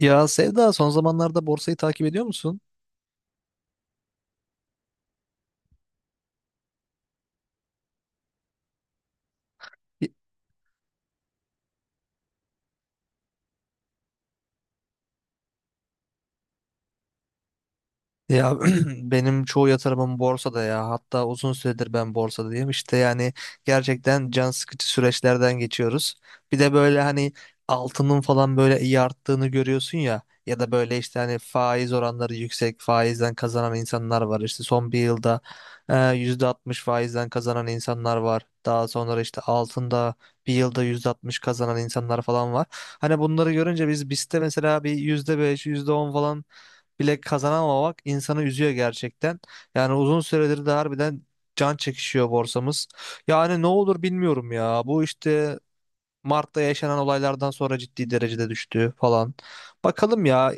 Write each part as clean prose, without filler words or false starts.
Ya Sevda son zamanlarda borsayı takip ediyor musun? Ya benim çoğu yatırımım borsada ya. Hatta uzun süredir ben borsadayım. İşte yani gerçekten can sıkıcı süreçlerden geçiyoruz. Bir de böyle hani altının falan böyle iyi arttığını görüyorsun ya. Ya da böyle işte hani faiz oranları yüksek, faizden kazanan insanlar var. İşte son bir yılda %60 faizden kazanan insanlar var. Daha sonra işte altında bir yılda %60 kazanan insanlar falan var. Hani bunları görünce biz BIST'te mesela bir %5 yüzde on falan bile kazanamamak insanı üzüyor gerçekten. Yani uzun süredir de harbiden can çekişiyor borsamız. Yani ne olur bilmiyorum ya. Bu işte Mart'ta yaşanan olaylardan sonra ciddi derecede düştü falan. Bakalım ya.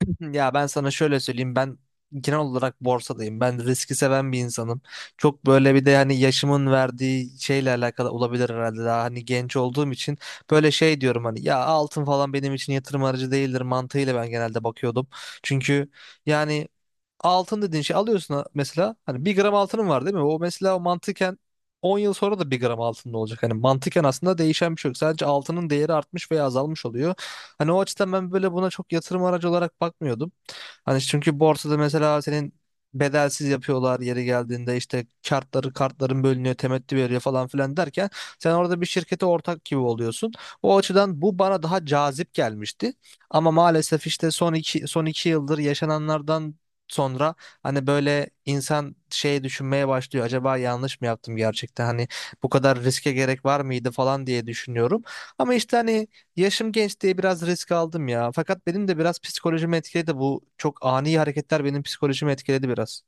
Ya ben sana şöyle söyleyeyim, ben genel olarak borsadayım. Ben riski seven bir insanım. Çok böyle, bir de hani yaşımın verdiği şeyle alakalı olabilir herhalde, daha hani genç olduğum için böyle şey diyorum, hani ya altın falan benim için yatırım aracı değildir mantığıyla ben genelde bakıyordum. Çünkü yani altın dediğin şey, alıyorsun mesela, hani bir gram altının var değil mi? O mesela o mantıken 10 yıl sonra da bir gram altında olacak. Hani mantıken aslında değişen bir şey yok. Sadece altının değeri artmış veya azalmış oluyor. Hani o açıdan ben böyle buna çok yatırım aracı olarak bakmıyordum. Hani çünkü borsada mesela senin bedelsiz yapıyorlar yeri geldiğinde, işte kartların bölünüyor, temettü veriyor falan filan derken sen orada bir şirkete ortak gibi oluyorsun. O açıdan bu bana daha cazip gelmişti. Ama maalesef işte son iki yıldır yaşananlardan sonra hani böyle insan şey düşünmeye başlıyor. Acaba yanlış mı yaptım gerçekten? Hani bu kadar riske gerek var mıydı falan diye düşünüyorum. Ama işte hani yaşım genç diye biraz risk aldım ya. Fakat benim de biraz psikolojimi etkiledi, bu çok ani hareketler benim psikolojimi etkiledi biraz.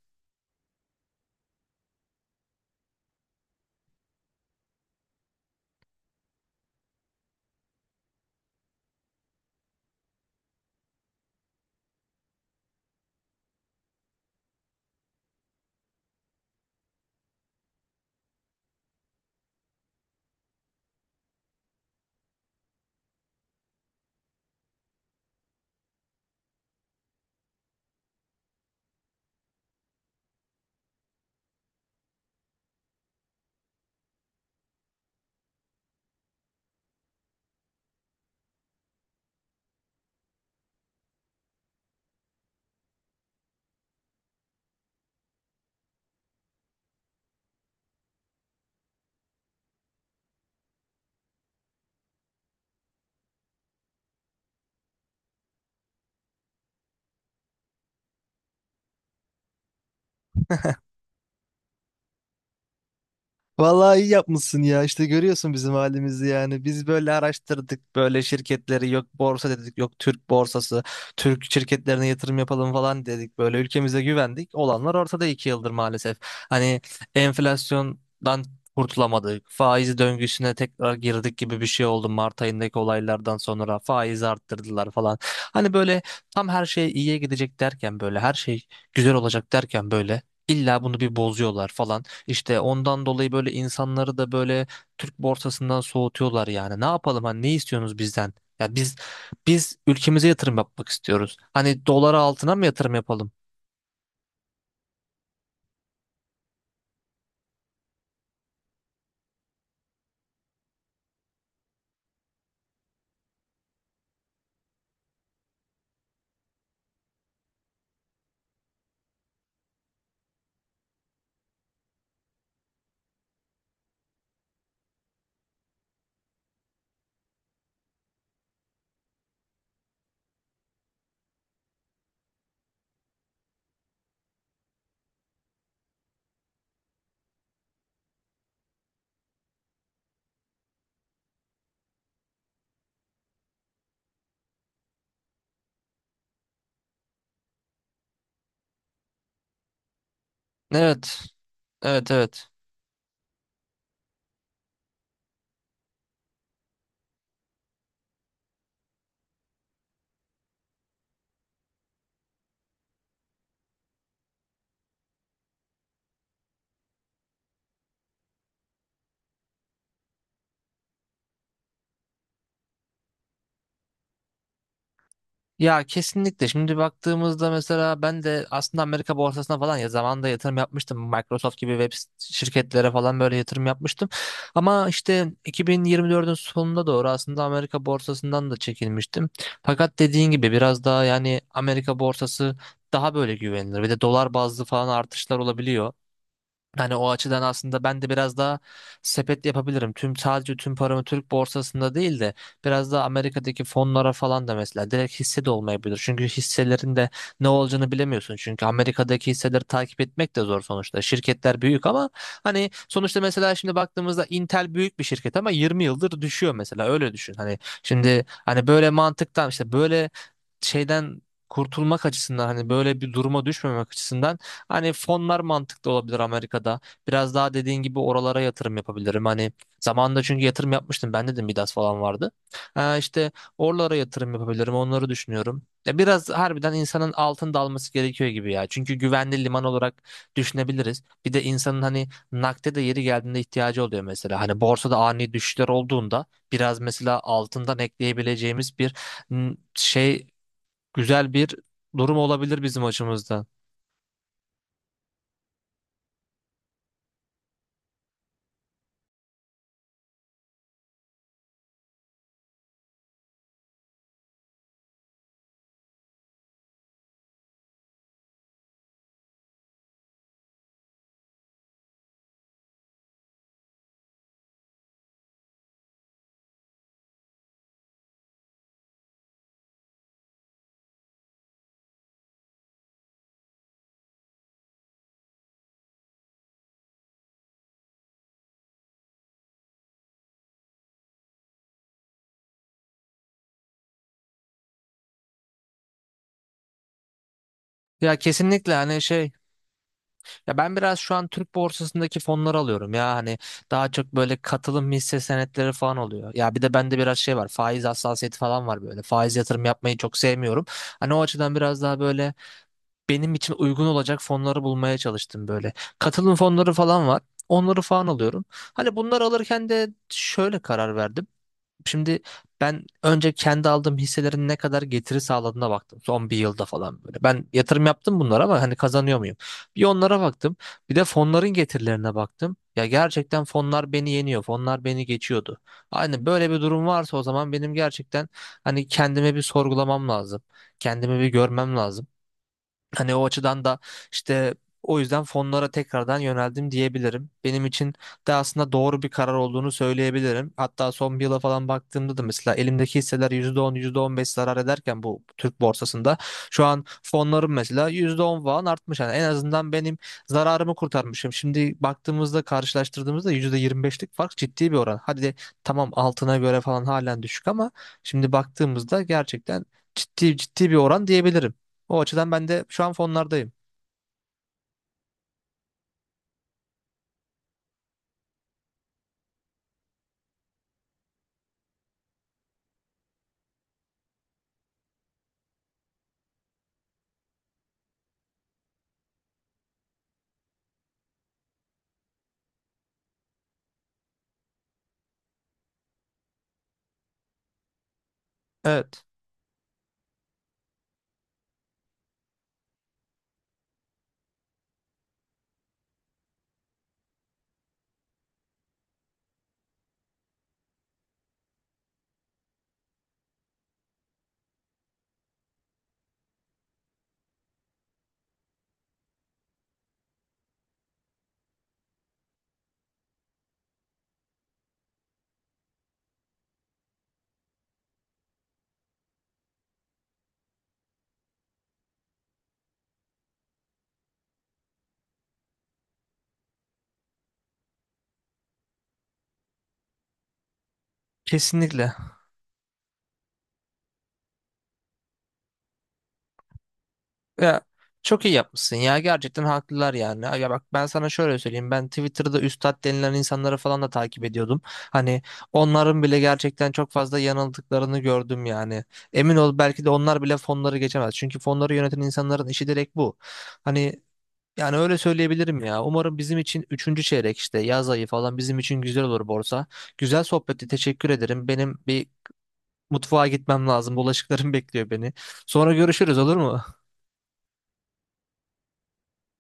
Vallahi iyi yapmışsın ya. İşte görüyorsun bizim halimizi yani. Biz böyle araştırdık böyle şirketleri, yok borsa dedik, yok Türk borsası, Türk şirketlerine yatırım yapalım falan dedik. Böyle ülkemize güvendik. Olanlar ortada 2 yıldır maalesef. Hani enflasyondan kurtulamadık. Faiz döngüsüne tekrar girdik gibi bir şey oldu Mart ayındaki olaylardan sonra. Faiz arttırdılar falan. Hani böyle tam her şey iyiye gidecek derken, böyle her şey güzel olacak derken, böyle illa bunu bir bozuyorlar falan. İşte ondan dolayı böyle insanları da böyle Türk borsasından soğutuyorlar yani. Ne yapalım, hani ne istiyorsunuz bizden? Ya biz ülkemize yatırım yapmak istiyoruz. Hani dolara, altına mı yatırım yapalım? Evet. Evet, evet. Ya kesinlikle. Şimdi baktığımızda mesela ben de aslında Amerika borsasına falan ya zamanında yatırım yapmıştım. Microsoft gibi şirketlere falan böyle yatırım yapmıştım. Ama işte 2024'ün sonunda doğru aslında Amerika borsasından da çekilmiştim. Fakat dediğin gibi biraz daha yani Amerika borsası daha böyle güvenilir. Bir de dolar bazlı falan artışlar olabiliyor. Hani o açıdan aslında ben de biraz daha sepet yapabilirim. Sadece tüm paramı Türk borsasında değil de biraz daha Amerika'daki fonlara falan da, mesela direkt hisse de olmayabilir. Çünkü hisselerin de ne olacağını bilemiyorsun. Çünkü Amerika'daki hisseleri takip etmek de zor sonuçta. Şirketler büyük ama hani sonuçta mesela şimdi baktığımızda Intel büyük bir şirket ama 20 yıldır düşüyor mesela, öyle düşün. Hani şimdi, hani böyle mantıktan, işte böyle şeyden kurtulmak açısından, hani böyle bir duruma düşmemek açısından, hani fonlar mantıklı olabilir Amerika'da. Biraz daha dediğin gibi oralara yatırım yapabilirim. Hani zamanında çünkü yatırım yapmıştım. Ben dedim Midas falan vardı. İşte oralara yatırım yapabilirim. Onları düşünüyorum. Ya biraz harbiden insanın altın dalması gerekiyor gibi ya. Çünkü güvenli liman olarak düşünebiliriz. Bir de insanın hani nakde de yeri geldiğinde ihtiyacı oluyor mesela. Hani borsada ani düşüşler olduğunda biraz mesela altından ekleyebileceğimiz bir şey, güzel bir durum olabilir bizim açımızdan. Ya kesinlikle, hani şey, ya ben biraz şu an Türk borsasındaki fonları alıyorum ya, hani daha çok böyle katılım hisse senetleri falan oluyor. Ya bir de bende biraz şey var, faiz hassasiyeti falan var, böyle faiz yatırım yapmayı çok sevmiyorum. Hani o açıdan biraz daha böyle benim için uygun olacak fonları bulmaya çalıştım böyle. Katılım fonları falan var, onları falan alıyorum. Hani bunları alırken de şöyle karar verdim. Şimdi ben önce kendi aldığım hisselerin ne kadar getiri sağladığına baktım. Son bir yılda falan böyle. Ben yatırım yaptım bunlara ama hani kazanıyor muyum? Bir onlara baktım. Bir de fonların getirilerine baktım. Ya gerçekten fonlar beni yeniyor. Fonlar beni geçiyordu. Hani böyle bir durum varsa o zaman benim gerçekten hani kendime bir sorgulamam lazım. Kendimi bir görmem lazım. Hani o açıdan da işte, o yüzden fonlara tekrardan yöneldim diyebilirim. Benim için de aslında doğru bir karar olduğunu söyleyebilirim. Hatta son bir yıla falan baktığımda da mesela elimdeki hisseler yüzde on, yüzde on beş zarar ederken bu Türk borsasında şu an fonlarım mesela %10 falan artmış. Yani en azından benim zararımı kurtarmışım. Şimdi baktığımızda, karşılaştırdığımızda %25'lik fark ciddi bir oran. Hadi de tamam altına göre falan halen düşük ama şimdi baktığımızda gerçekten ciddi ciddi bir oran diyebilirim. O açıdan ben de şu an fonlardayım. Evet. Kesinlikle. Ya, çok iyi yapmışsın ya. Gerçekten haklılar yani. Ya bak ben sana şöyle söyleyeyim. Ben Twitter'da üstad denilen insanları falan da takip ediyordum. Hani onların bile gerçekten çok fazla yanıldıklarını gördüm yani. Emin ol, belki de onlar bile fonları geçemez. Çünkü fonları yöneten insanların işi direkt bu. Hani yani öyle söyleyebilirim ya. Umarım bizim için üçüncü çeyrek, işte yaz ayı falan bizim için güzel olur borsa. Güzel sohbeti teşekkür ederim. Benim bir Mutfağa gitmem lazım. Bulaşıklarım bekliyor beni. Sonra görüşürüz olur mu?